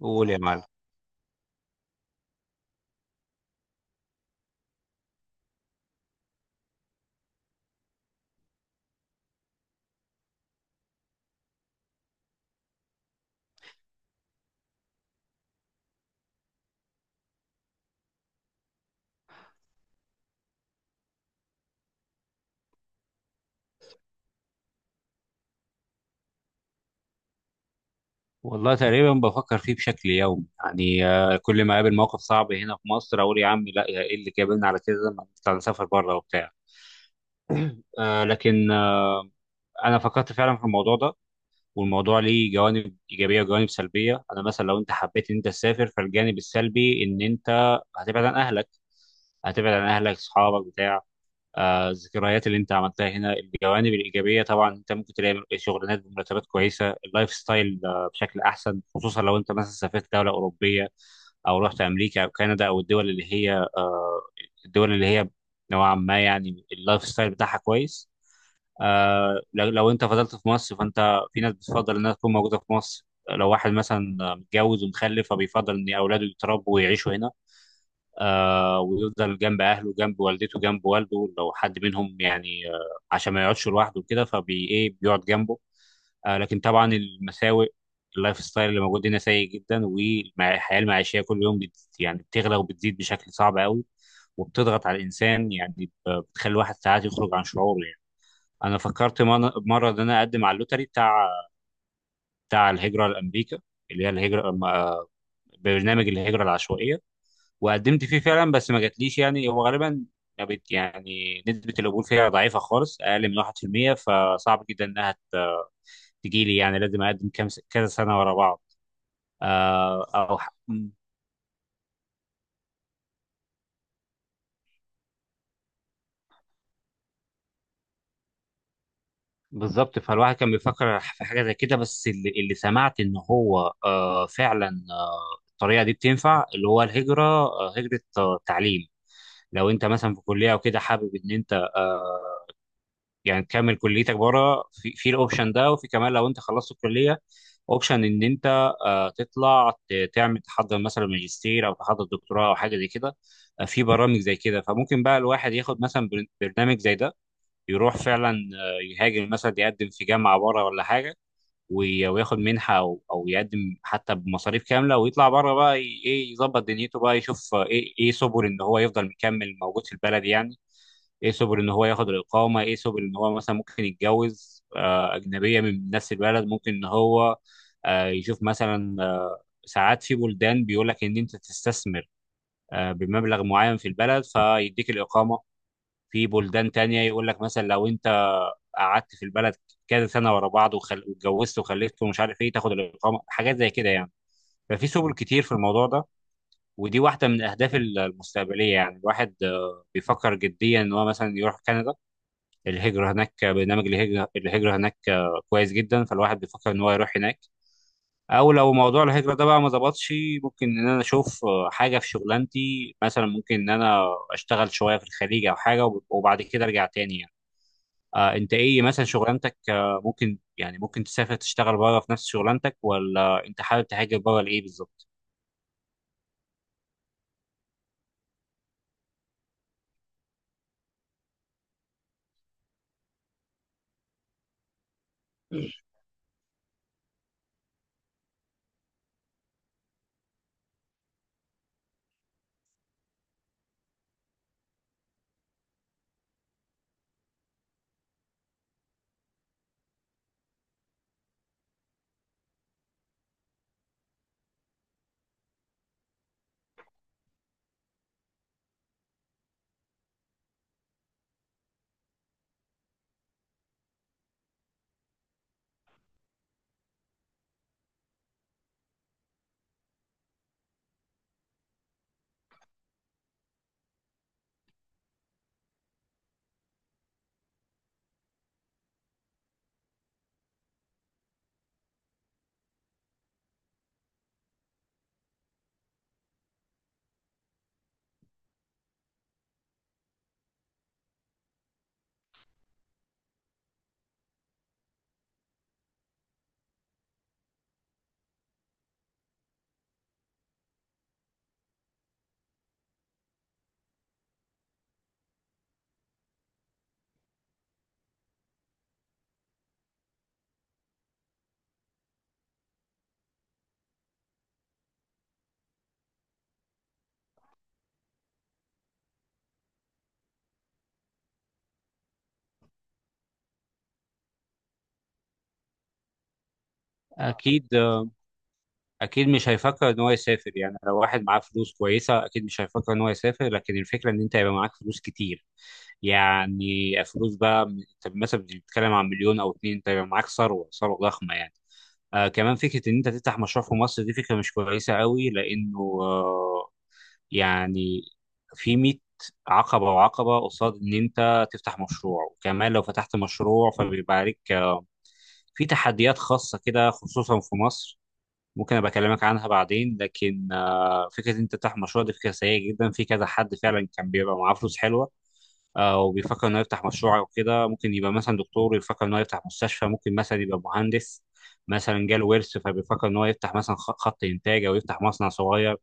قول يا معلم. والله تقريبا بفكر فيه بشكل يومي، يعني كل ما اقابل موقف صعب هنا في مصر اقول يا عم لا، يا ايه اللي جابلنا على كده؟ ما نطلع نسافر بره وبتاع. آه، لكن آه، انا فكرت فعلا في الموضوع ده، والموضوع ليه جوانب ايجابيه وجوانب سلبيه. انا مثلا لو انت حبيت ان انت تسافر، فالجانب السلبي ان انت هتبعد عن اهلك. هتبعد عن اهلك، اصحابك، بتاع، الذكريات اللي انت عملتها هنا. الجوانب الايجابيه طبعا انت ممكن تلاقي شغلانات بمرتبات كويسه، اللايف ستايل بشكل احسن، خصوصا لو انت مثلا سافرت دوله اوروبيه او رحت امريكا او كندا، او الدول اللي هي آه، الدول اللي هي نوعا ما يعني اللايف ستايل بتاعها كويس. لو انت فضلت في مصر، فانت في ناس بتفضل انها تكون موجوده في مصر. لو واحد مثلا متجوز ومخلف، فبيفضل ان اولاده يتربوا ويعيشوا هنا. آه، ويفضل جنب أهله، جنب والدته، جنب والده لو حد منهم، يعني آه عشان ما يقعدش لوحده كده، فبي إيه بيقعد جنبه. آه، لكن طبعا المساوئ اللايف ستايل اللي موجود هنا سيء جدا، والحياة المعيشية كل يوم يعني بتغلى وبتزيد بشكل صعب قوي، وبتضغط على الإنسان، يعني بتخلي الواحد ساعات يخرج عن شعوره. يعني أنا فكرت مرة إن أنا أقدم على اللوتري بتاع الهجرة لأمريكا، اللي هي الهجرة آه، برنامج الهجرة العشوائية. وقدمت فيه فعلا، بس ما جاتليش. يعني هو غالبا ما بت- يعني نسبة القبول فيها ضعيفة خالص، أقل من 1%. فصعب جدا إنها تجي لي، يعني لازم اقدم كذا سنه ورا بعض. آه او ح- م- بالظبط. فالواحد كان بيفكر في حاجه زي كده، بس اللي سمعت ان هو آه فعلا آه الطريقه دي بتنفع اللي هو الهجره آه، هجره آه تعليم. لو انت مثلا في كليه او كده حابب ان انت يعني تكمل كليتك بره، في الاوبشن ده. وفي كمان لو انت خلصت الكليه، اوبشن ان انت آه، تطلع تعمل تحضر مثلا ماجستير او تحضر دكتوراه او حاجه زي كده. آه، في برامج زي كده، فممكن بقى الواحد ياخد مثلا برنامج زي ده، يروح فعلا آه، يهاجر، مثلا يقدم في جامعه بره ولا حاجه، وياخد منحه او يقدم حتى بمصاريف كامله، ويطلع بره بقى ايه يظبط دنيته بقى، يشوف آه، ايه سبل ان هو يفضل مكمل موجود في البلد، يعني ايه سبل ان هو ياخد الاقامه، ايه سبل ان هو مثلا ممكن يتجوز آه، اجنبيه من نفس البلد، ممكن ان هو آه، يشوف مثلا آه، ساعات في بلدان بيقول لك ان انت تستثمر آه، بمبلغ معين في البلد فيديك الاقامه. في بلدان تانية يقول لك مثلا لو انت قعدت في البلد كذا سنه ورا بعض، واتجوزت وخلفت ومش عارف ايه، تاخد الاقامه، حاجات زي كده يعني. ففي سبل كتير في الموضوع ده. ودي واحده من الاهداف المستقبليه، يعني الواحد آه، بيفكر جديا ان هو مثلا يروح كندا. الهجرة هناك، برنامج الهجرة هناك كويس جدا. فالواحد بيفكر إن هو يروح هناك. أو لو موضوع الهجرة ده بقى ما ظبطش، ممكن إن أنا أشوف حاجة في شغلانتي، مثلا ممكن إن أنا أشتغل شوية في الخليج أو حاجة، وبعد كده أرجع تاني يعني. آه، أنت إيه مثلا شغلانتك؟ آه، ممكن يعني ممكن تسافر تشتغل بره في نفس شغلانتك، ولا أنت حابب تهاجر بره لإيه بالظبط؟ أكيد. اكيد مش هيفكر ان هو يسافر. يعني لو واحد معاه فلوس كويسه، اكيد مش هيفكر ان هو يسافر. لكن الفكره ان انت يبقى معاك فلوس كتير، يعني فلوس بقى. انت مثلا بتتكلم عن مليون او اتنين، انت يبقى معاك ثروه ضخمه يعني. آه، كمان فكره ان انت تفتح مشروع في مصر، دي فكره مش كويسه قوي، لانه آه يعني في 100 عقبه وعقبه قصاد ان انت تفتح مشروع. وكمان لو فتحت مشروع، فبيبقى عليك آه، في تحديات خاصة كده، خصوصا في مصر، ممكن ابقى اكلمك عنها بعدين. لكن آه، فكره انت تفتح مشروع دي فكره سيئه جدا. في كذا حد فعلا كان بيبقى معاه فلوس حلوه آه، وبيفكر انه يفتح مشروع او كده. ممكن يبقى مثلا دكتور يفكر انه يفتح مستشفى، ممكن مثلا يبقى مهندس مثلا جاله ورث، فبيفكر ان هو يفتح مثلا خط انتاج، او يفتح مصنع صغير،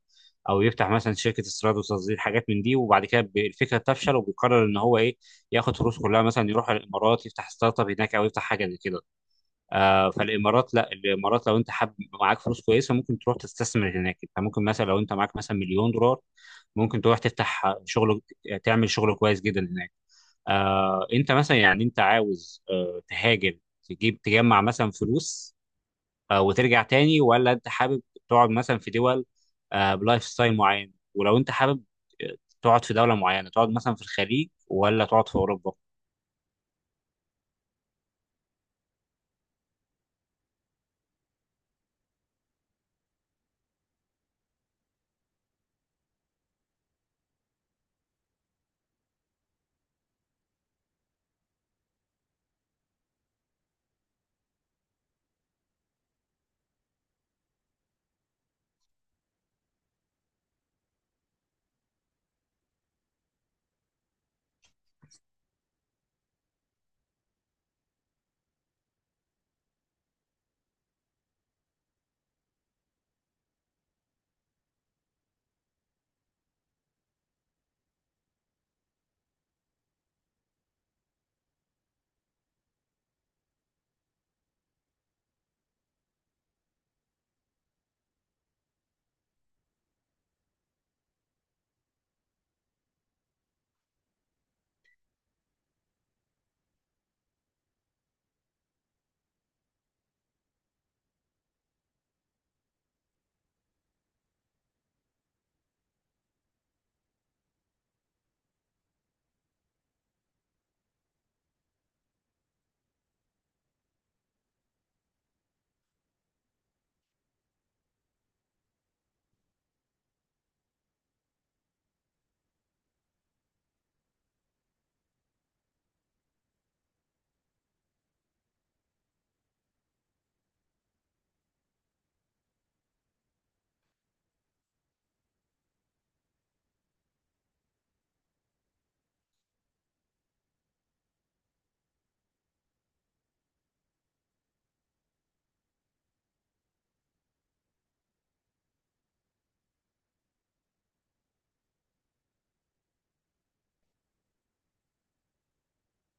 او يفتح مثلا شركه استيراد وتصدير، حاجات من دي. وبعد كده الفكره تفشل، وبيقرر ان هو ايه، ياخد فلوس كلها مثلا يروح الامارات يفتح ستارت اب هناك، او يفتح حاجه زي كده. آه، فالامارات، لا الامارات لو انت حاب معاك فلوس كويسه، ممكن تروح تستثمر هناك. انت ممكن مثلا لو انت معاك مثلا مليون دولار، ممكن تروح تفتح شغل، تعمل شغل كويس جدا هناك. آه، انت مثلا يعني انت عاوز آه، تهاجر، تجيب تجمع مثلا فلوس آه، وترجع تاني، ولا انت حابب تقعد مثلا في دول آه، بلايف ستايل معين، ولو انت حابب آه، تقعد في دوله معينه، تقعد مثلا في الخليج ولا تقعد في اوروبا؟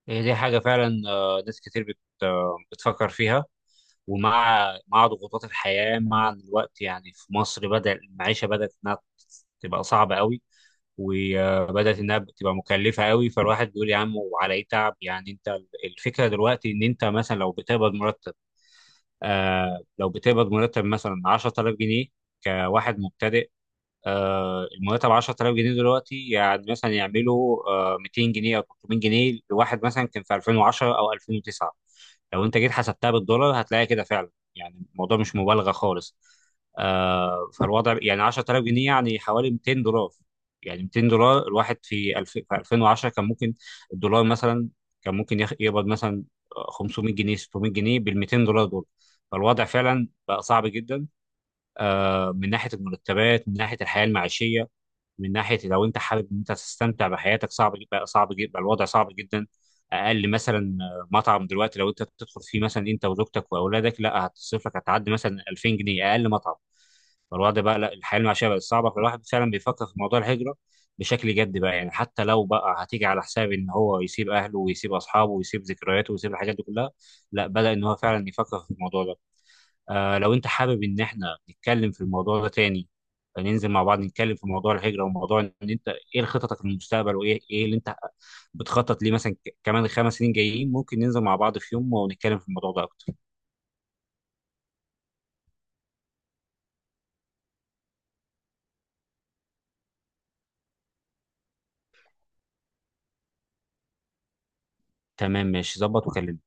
هي دي حاجه فعلا آه، ناس كتير بتفكر فيها. ومع ضغوطات الحياة مع الوقت يعني في مصر، بدأ المعيشة بدأت إنها تبقى صعبة قوي، وبدأت إنها تبقى مكلفة قوي. فالواحد بيقول يا عم وعلى إيه تعب، يعني أنت الفكرة دلوقتي إن أنت مثلا لو بتقبض مرتب آه لو بتقبض مرتب مثلا 10000 جنيه كواحد مبتدئ، آه، المرتب 10000 جنيه دلوقتي يعني مثلا يعملوا آه، 200 جنيه او 300 جنيه لواحد مثلا كان في 2010 او 2009. لو انت جيت حسبتها بالدولار هتلاقي كده فعلا. يعني الموضوع مش مبالغه خالص. آه، فالوضع يعني 10000 جنيه يعني حوالي 200 دولار. يعني 200 دولار، الواحد في الف... في 2010 كان ممكن الدولار مثلا كان ممكن يقبض مثلا 500 جنيه 600 جنيه بال 200 دولار دول. فالوضع فعلا بقى صعب جدا. آه، من ناحيه المرتبات، من ناحيه الحياه المعيشيه، من ناحيه لو انت حابب ان انت تستمتع بحياتك، صعب جدا، صعب جدا، الوضع صعب جدا. اقل مثلا آه، مطعم دلوقتي لو انت بتدخل فيه مثلا انت وزوجتك واولادك، لا هتصرف لك، هتعدي مثلا 2000 جنيه اقل مطعم. فالوضع بقى لا، الحياه المعيشيه بقت صعبه. فالواحد فعلا بيفكر في موضوع الهجره بشكل جد بقى، يعني حتى لو بقى هتيجي على حساب ان هو يسيب اهله ويسيب اصحابه ويسيب ذكرياته ويسيب الحاجات دي كلها، لا، بدأ ان هو فعلا يفكر في الموضوع ده. آه لو انت حابب ان احنا نتكلم في الموضوع ده تاني، ننزل مع بعض نتكلم في موضوع الهجرة، وموضوع ان انت ايه خططك للمستقبل، وايه اللي انت بتخطط ليه مثلا، كمان الخمس سنين جايين، ممكن ننزل مع بعض في يوم ونتكلم في الموضوع ده اكتر. تمام، ماشي، ظبط وكلمني.